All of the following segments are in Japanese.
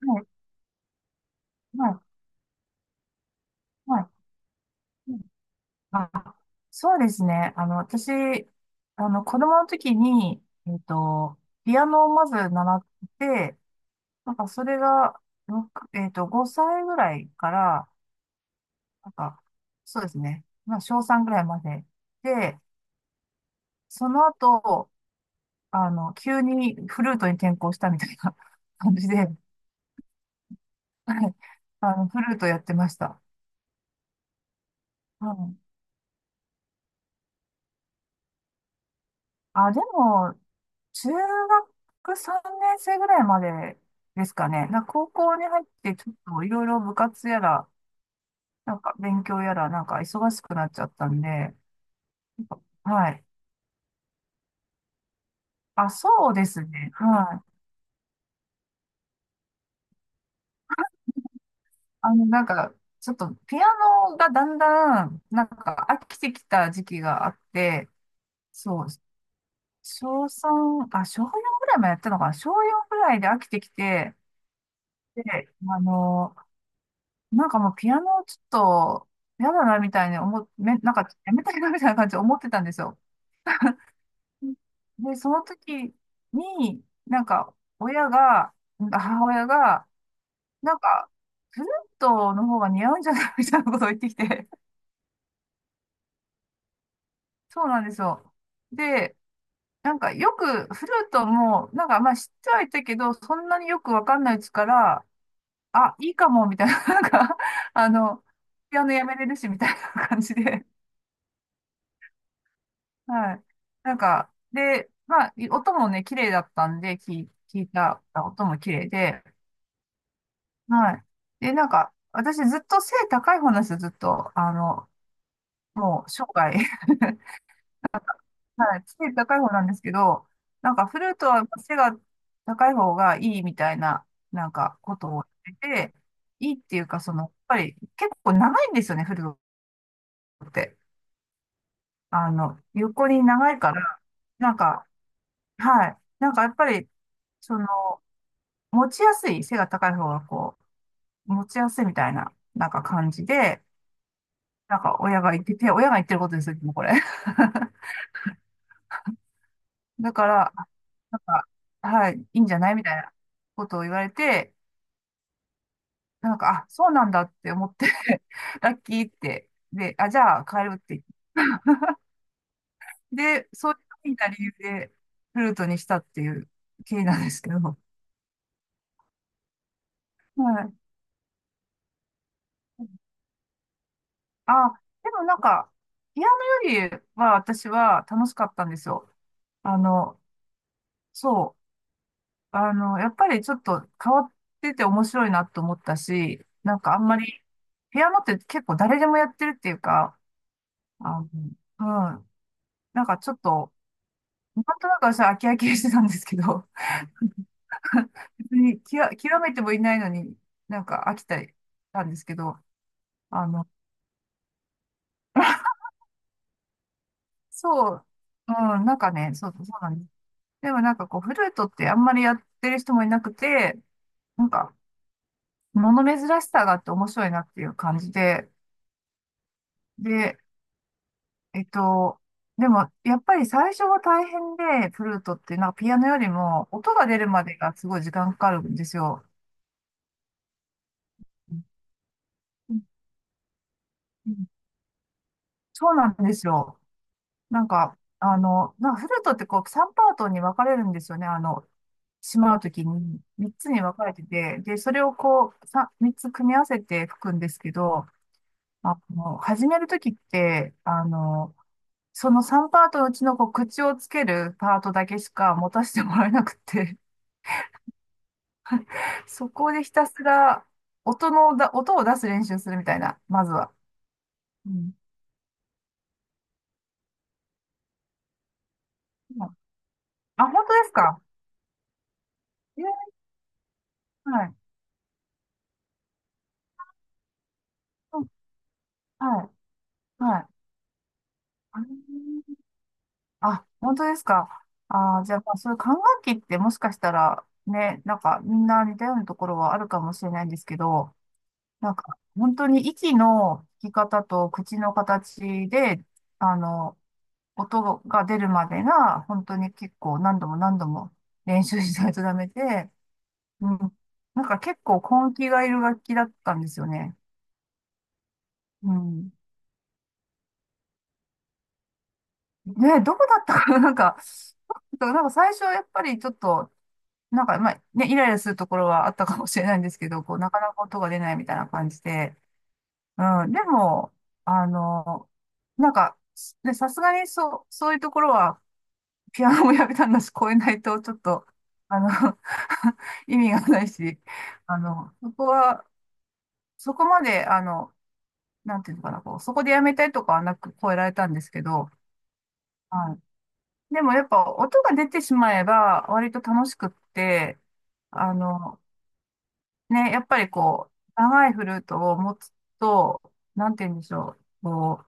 はい、はい、はい。うん。あ、そうですね。私、子供の時に、えっと、ピアノをまず習って、なんかそれが、ろくえっと、5歳ぐらいから、なんか、そうですね。まあ、小3ぐらいまで。で、その後、急にフルートに転向したみたいな 感じで、はい。フルートやってました。うん。あ、でも、中学3年生ぐらいまでですかね。なんか高校に入ってちょっといろいろ部活やら、なんか勉強やら、なんか忙しくなっちゃったんで、はい。あ、そうですね。はい。なんか、ちょっとピアノがだんだん、なんか飽きてきた時期があって、そう、小3、あ、小4ぐらいまでやったのかな。小4ぐらいで飽きてきて、で、あの、なんかもうピアノちょっと嫌だなみたいに思っ、め、なんかやめたいなみたいな感じで思ってたんですよ。で、その時に、なんか親が、なんか母親が、なんかフルートの方が似合うんじゃないみたいなことを言ってきて、そうなんですよ。で、なんかよくフルートも、なんかまあ知ってはいたけど、そんなによくわかんないうちから、あ、いいかもみたいな、なんか、あの、ピアノやめれるしみたいな感じで。はい。なんか、で、まあ、音もね、綺麗だったんで、聞いた音も綺麗で、はい。で、なんか、私ずっと背高い方なんですよ、ずっと。もう生涯。はい。背高い方なんですけど、なんかフルートは背が高い方がいいみたいな、なんかことを言ってて、いいっていうか、その、やっぱり結構長いんですよね、フルートって。横に長いから、なんか、はい。なんかやっぱり、その、持ちやすい、背が高い方がこう、持ちやすいみたいな、なんか感じで、なんか親が言ってて、親が言ってることですよ、もうこれ。だから、なんか、はい、いいんじゃないみたいなことを言われて、なんか、あ、そうなんだって思って ラッキーって、で、あ、じゃあ帰るって。で、そういうふうな理由で、フルートにしたっていう経緯なんですけど。はい。あ、でもなんか、ピアノよりは私は楽しかったんですよ。あの、そう。やっぱりちょっと変わってて面白いなと思ったし、なんかあんまり、ピアノって結構誰でもやってるっていうか、あの、うん、なんかちょっと、なんとなく私は飽き飽きしてたんですけど、別に極めてもいないのになんか飽きたりしたんですけど、あの、そう、うん、なんかね、そうなんです。でもなんかこう、フルートってあんまりやってる人もいなくて、なんか、物珍しさがあって面白いなっていう感じで、で、えっと、でも、やっぱり最初は大変で、フルートって、なんかピアノよりも、音が出るまでがすごい時間かかるんですよ。うんうん。そうなんですよ。なんか、なんかフルートってこう、3パートに分かれるんですよね。しまうときに、3つに分かれてて、で、それをこう、3つ組み合わせて吹くんですけど、始めるときって、その3パートのうちのこう口をつけるパートだけしか持たせてもらえなくて、そこでひたすら音のだ、音を出す練習するみたいな、まずは。うん。あ、本当ですか？えーはい。うん。はい。はい。ああ、本当ですか？あー、じゃあ、まあ、そういう管楽器ってもしかしたら、ね、なんかみんな似たようなところはあるかもしれないんですけど、なんか本当に息の吹き方と口の形で、あの、音が出るまでが、本当に結構何度も何度も練習しないとダメで、うん。なんか結構根気がいる楽器だったんですよね。うん。ね、どこだったかな、なんか、なんか最初はやっぱりちょっと、なんかまあね、イライラするところはあったかもしれないんですけど、こう、なかなか音が出ないみたいな感じで。うん。でも、あの、なんか、ね、さすがにそういうところは、ピアノもやめたんだし、超えないと、ちょっと、あの 意味がないし、そこは、そこまで、なんていうのかな、こう、そこでやめたいとかはなく超えられたんですけど、はい。でもやっぱ音が出てしまえば割と楽しくって、あの、ね、やっぱりこう、長いフルートを持つと、なんて言うんでしょう、こ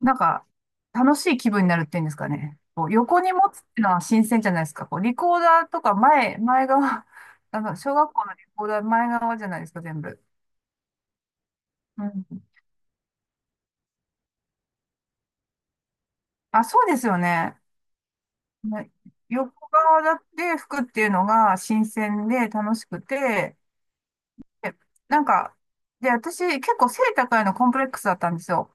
う、なんか、楽しい気分になるっていうんですかね。こう、横に持つっていうのは新鮮じゃないですか。こう、リコーダーとか前側、小学校のリコーダー前側じゃないですか、全部。うん。あ、そうですよね。まあ横側だって服っていうのが新鮮で楽しくて、でなんか、で、私結構背高いのコンプレックスだったんですよ。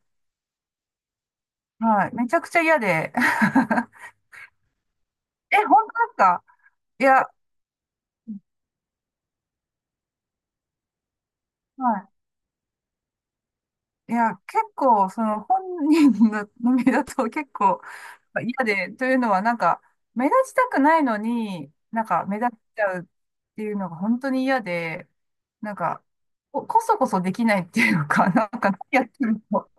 はい。めちゃくちゃ嫌で。え、本当ですか？いや、はい。いや、結構、その本人の目だと結構嫌で、というのはなんか、目立ちたくないのに、なんか目立っちゃうっていうのが本当に嫌で、なんか、こそこそできないっていうか、なんか何やってるのか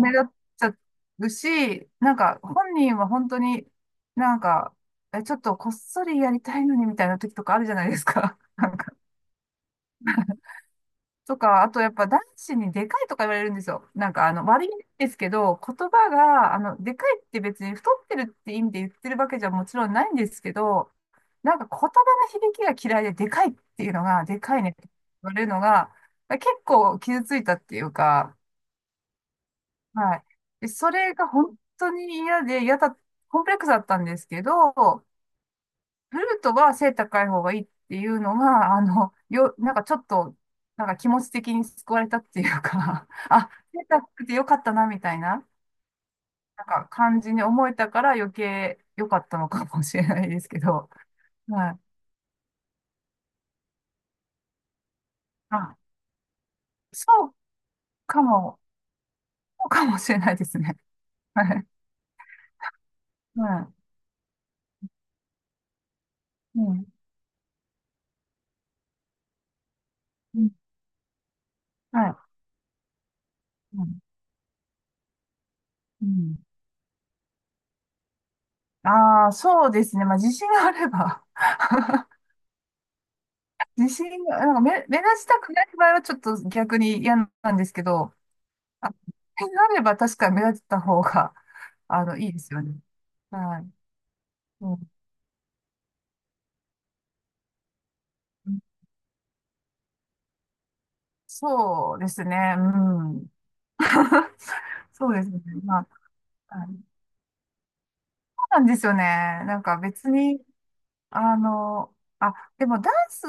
目立っちゃうし、なんか本人は本当になんか、え、ちょっとこっそりやりたいのにみたいな時とかあるじゃないですか。とか、あとやっぱ男子にでかいとか言われるんですよ。なんか悪いんですけど、言葉が、でかいって別に太ってるって意味で言ってるわけじゃもちろんないんですけど、なんか言葉の響きが嫌いででかいっていうのが、でかいねって言われるのが、結構傷ついたっていうか、はい。でそれが本当に嫌で、嫌だ、コンプレックスだったんですけど、フルートは背高い方がいいっていうのが、なんかちょっと、なんか気持ち的に救われたっていうか あ、背高くてよかったな、みたいな、なんか感じに思えたから余計良かったのかもしれないですけど、はい。まあ、そうかも、そうかもしれないですね。はい。はい。うん。うん。はい。うん。うん。ああ、そうですね。まあ、自信があれば、自信が、なんか目立ちたくない場合はちょっと逆に嫌なんですけど、あ、点があれば確かに目立った方が、いいですよね。はい。うん、そうですね。うん。そうですね。まあ、はい。そうなんですよね。なんか別に、あの、あ、でもダンス、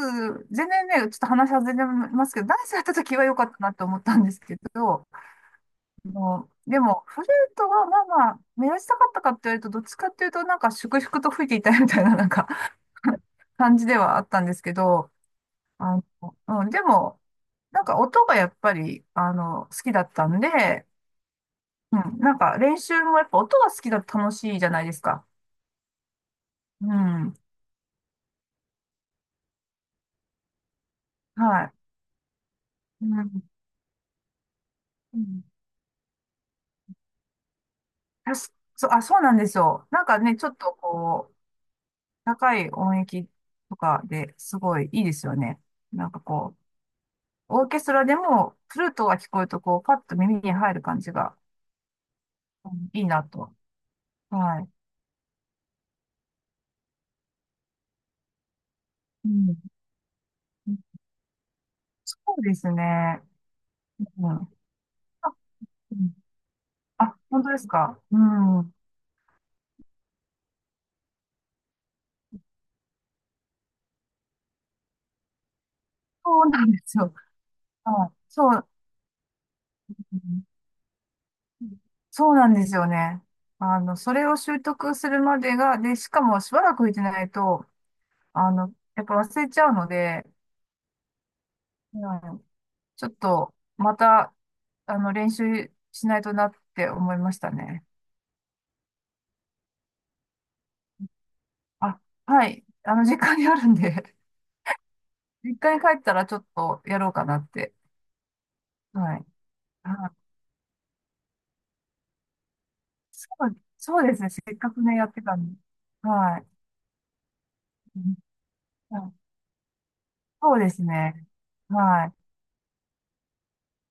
全然ね、ちょっと話は全然ますけど、ダンスやった時は良かったなと思ったんですけど、でも、フルートはまあまあ、目立ちたかったかって言われると、どっちかっていうと、なんか粛々と吹いていたいみたいな、なんか 感じではあったんですけど、あの、うん、でも、なんか音がやっぱり、好きだったんで、うん、なんか練習もやっぱ音が好きだと楽しいじゃないですか。うん、はい。うん、うん。あ、そう、あ、そうなんですよ。なんかね、ちょっとこう、高い音域とかですごいいいですよね。なんかこう、オーケストラでもフルートが聞こえるとこう、パッと耳に入る感じが、うん、いいなと。はい。うん、そうですね。うん。あ。うん。あ、本当ですか？うん。そうなんですよ。はい。そう、うん。そうなんですよね。それを習得するまでが、で、しかもしばらく行ってないと、やっぱ忘れちゃうので、うん。ちょっと、また、練習しないとなって思いましたね。あ、はい。実家にあるんで、実家に帰ったらちょっとやろうかなって。はい。あ、そうですね。せっかくね、やってたんで。はい。うん。そうですね。はい